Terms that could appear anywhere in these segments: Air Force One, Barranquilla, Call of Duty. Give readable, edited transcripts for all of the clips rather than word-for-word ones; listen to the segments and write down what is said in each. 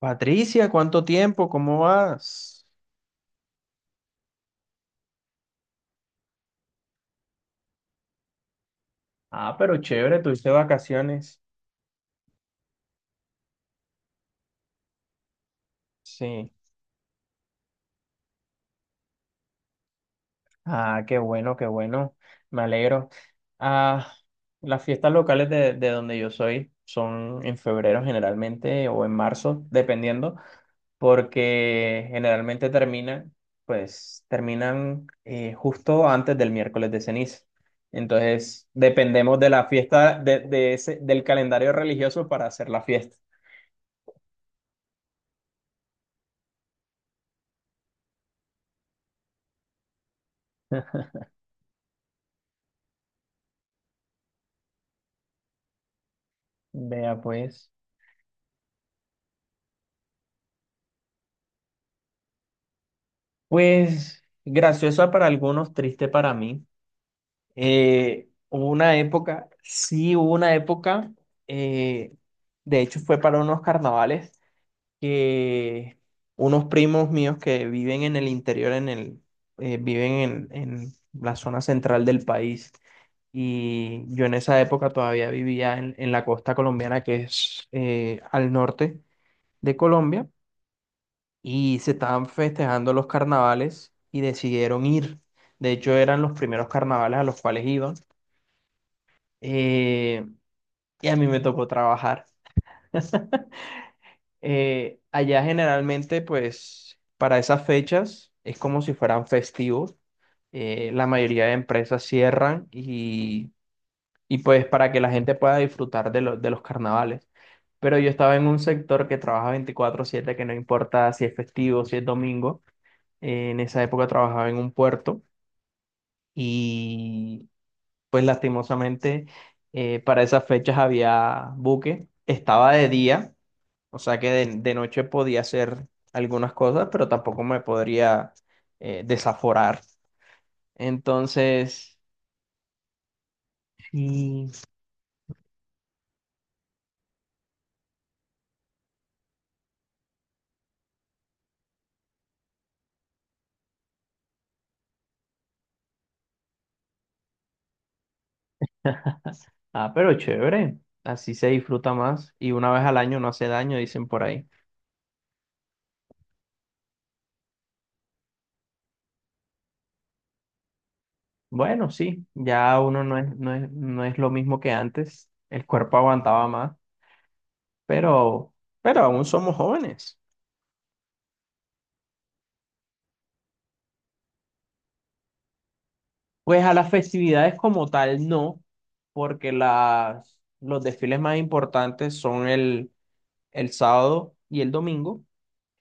Patricia, ¿cuánto tiempo? ¿Cómo vas? Ah, pero chévere, tuviste vacaciones. Sí. Ah, qué bueno, qué bueno. Me alegro. Ah, las fiestas locales de donde yo soy son en febrero generalmente o en marzo, dependiendo, porque generalmente terminan, pues terminan justo antes del miércoles de ceniza. Entonces, dependemos de la fiesta, de ese, del calendario religioso para hacer la fiesta. Vea pues. Pues graciosa para algunos, triste para mí. Hubo una época, eh, de hecho fue para unos carnavales que unos primos míos que viven en el interior, viven en la zona central del país. Y yo en esa época todavía vivía en la costa colombiana, que es al norte de Colombia y se estaban festejando los carnavales y decidieron ir. De hecho, eran los primeros carnavales a los cuales iban. eh, y a mí me tocó trabajar. Allá generalmente, pues, para esas fechas es como si fueran festivos. La mayoría de empresas cierran y pues para que la gente pueda disfrutar de los carnavales. Pero yo estaba en un sector que trabaja 24/7, que no importa si es festivo, si es domingo. En esa época trabajaba en un puerto y pues lastimosamente para esas fechas había buque. Estaba de día, o sea que de noche podía hacer algunas cosas, pero tampoco me podría desaforar. Entonces, sí. Ah, pero chévere. Así se disfruta más y una vez al año no hace daño, dicen por ahí. Bueno, sí, ya uno no es lo mismo que antes. El cuerpo aguantaba más, pero, pero aún somos jóvenes. Pues a las festividades como tal no, porque los desfiles más importantes son el sábado y el domingo,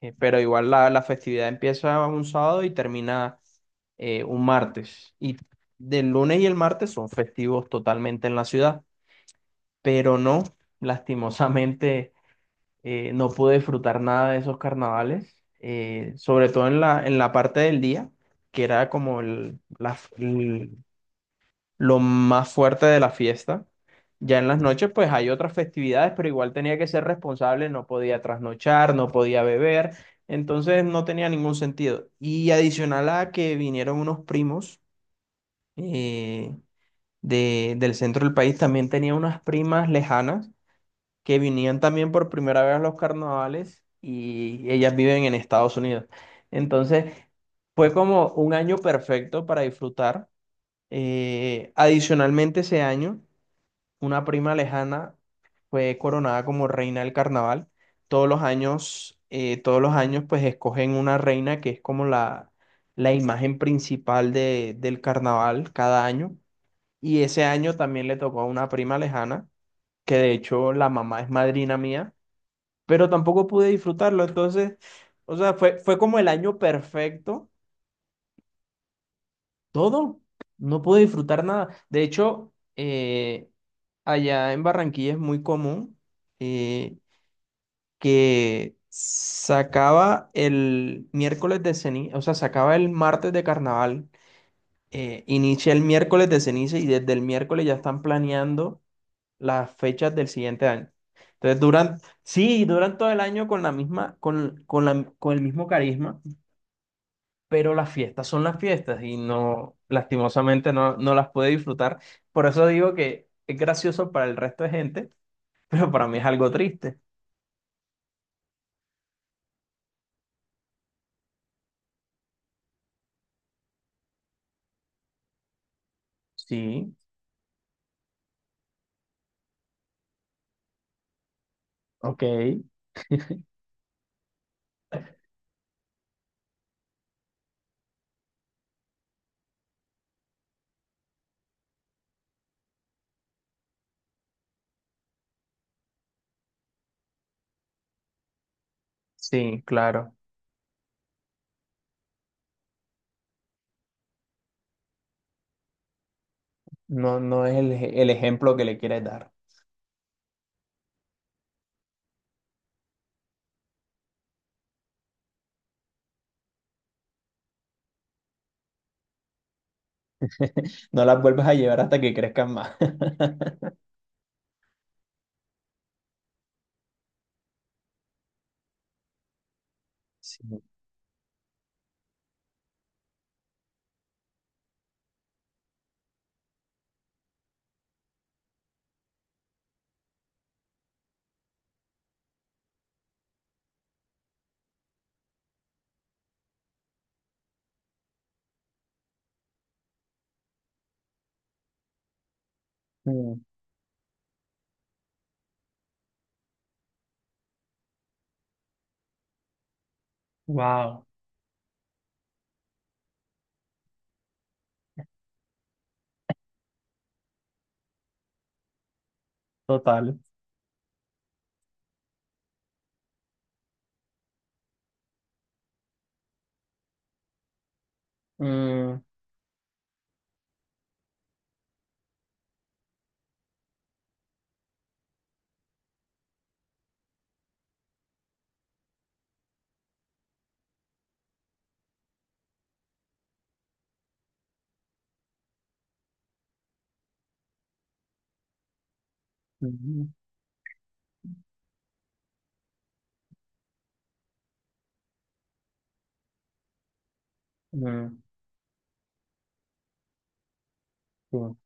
pero igual la festividad empieza un sábado y termina un martes. Y del lunes y el martes son festivos totalmente en la ciudad, pero no, lastimosamente. No pude disfrutar nada de esos carnavales, sobre todo en la parte del día, que era como lo más fuerte de la fiesta. Ya en las noches, pues hay otras festividades, pero igual tenía que ser responsable, no podía trasnochar, no podía beber, entonces no tenía ningún sentido. Y adicional a que vinieron unos primos eh, del centro del país, también tenía unas primas lejanas que vinían también por primera vez a los carnavales y ellas viven en Estados Unidos. Entonces, fue como un año perfecto para disfrutar. Adicionalmente, ese año, una prima lejana fue coronada como reina del carnaval. Todos los años, pues escogen una reina que es como la imagen principal del carnaval cada año. Y ese año también le tocó a una prima lejana, que de hecho la mamá es madrina mía, pero tampoco pude disfrutarlo. Entonces, o sea, fue como el año perfecto, todo. No pude disfrutar nada. De hecho, allá en Barranquilla es muy común eh, que sacaba el miércoles de ceniza, o sea, sacaba el martes de carnaval, inicia el miércoles de ceniza y desde el miércoles ya están planeando las fechas del siguiente año. Entonces duran, sí, duran todo el año con la misma, con la, con el mismo carisma, pero las fiestas son las fiestas y no, lastimosamente no, no las pude disfrutar. Por eso digo que es gracioso para el resto de gente, pero para mí es algo triste. Sí, ok, sí, claro. No, no es el ejemplo que le quieres dar. No las vuelves a llevar hasta que crezcan más. Sí. Mm. Wow, total. Mm, mm, mm, sí.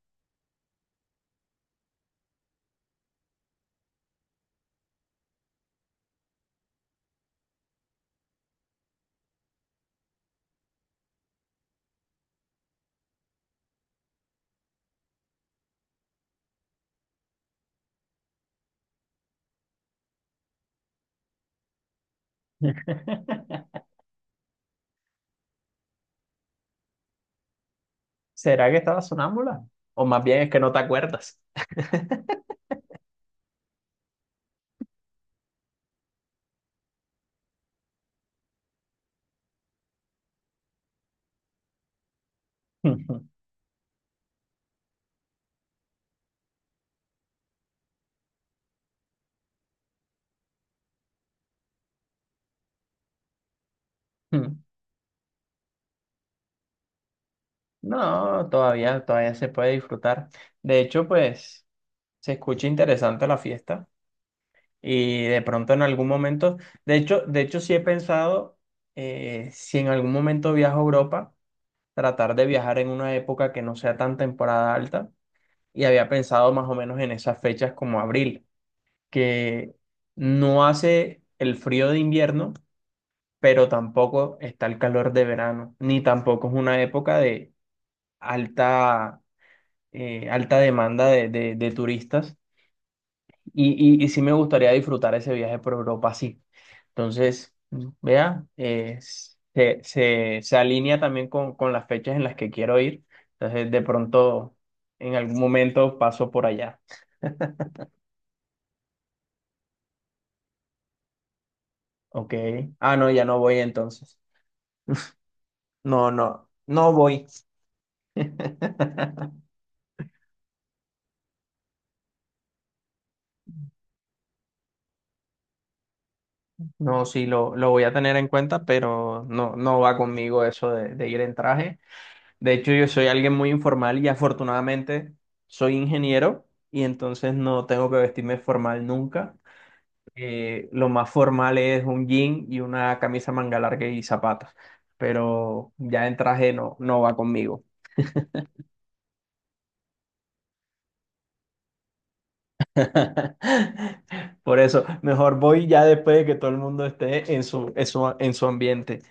¿Será que estaba sonámbula? O más bien es que no te acuerdas. No, todavía, todavía se puede disfrutar. De hecho, pues se escucha interesante la fiesta y de pronto en algún momento, de hecho sí he pensado si en algún momento viajo a Europa, tratar de viajar en una época que no sea tan temporada alta y había pensado más o menos en esas fechas como abril, que no hace el frío de invierno, pero tampoco está el calor de verano, ni tampoco es una época de alta alta demanda de turistas y sí me gustaría disfrutar ese viaje por Europa, sí. Entonces, vea, se alinea también con las fechas en las que quiero ir. Entonces, de pronto, en algún momento paso por allá. Ok. Ah, no, ya no voy entonces. No voy. No, sí, lo voy a tener en cuenta, pero no, no va conmigo eso de ir en traje. De hecho, yo soy alguien muy informal y afortunadamente soy ingeniero y entonces no tengo que vestirme formal nunca. Lo más formal es un jean y una camisa manga larga y zapatos, pero ya en traje no, no va conmigo. Por eso, mejor voy ya después de que todo el mundo esté en su, en su, en su ambiente.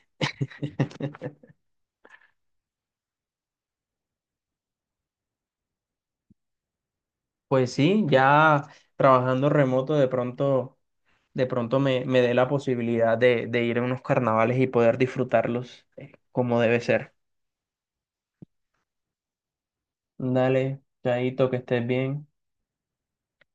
Pues sí, ya trabajando remoto de pronto. De pronto me, me dé la posibilidad de ir a unos carnavales y poder disfrutarlos como debe ser. Dale, Chaito, que estés bien.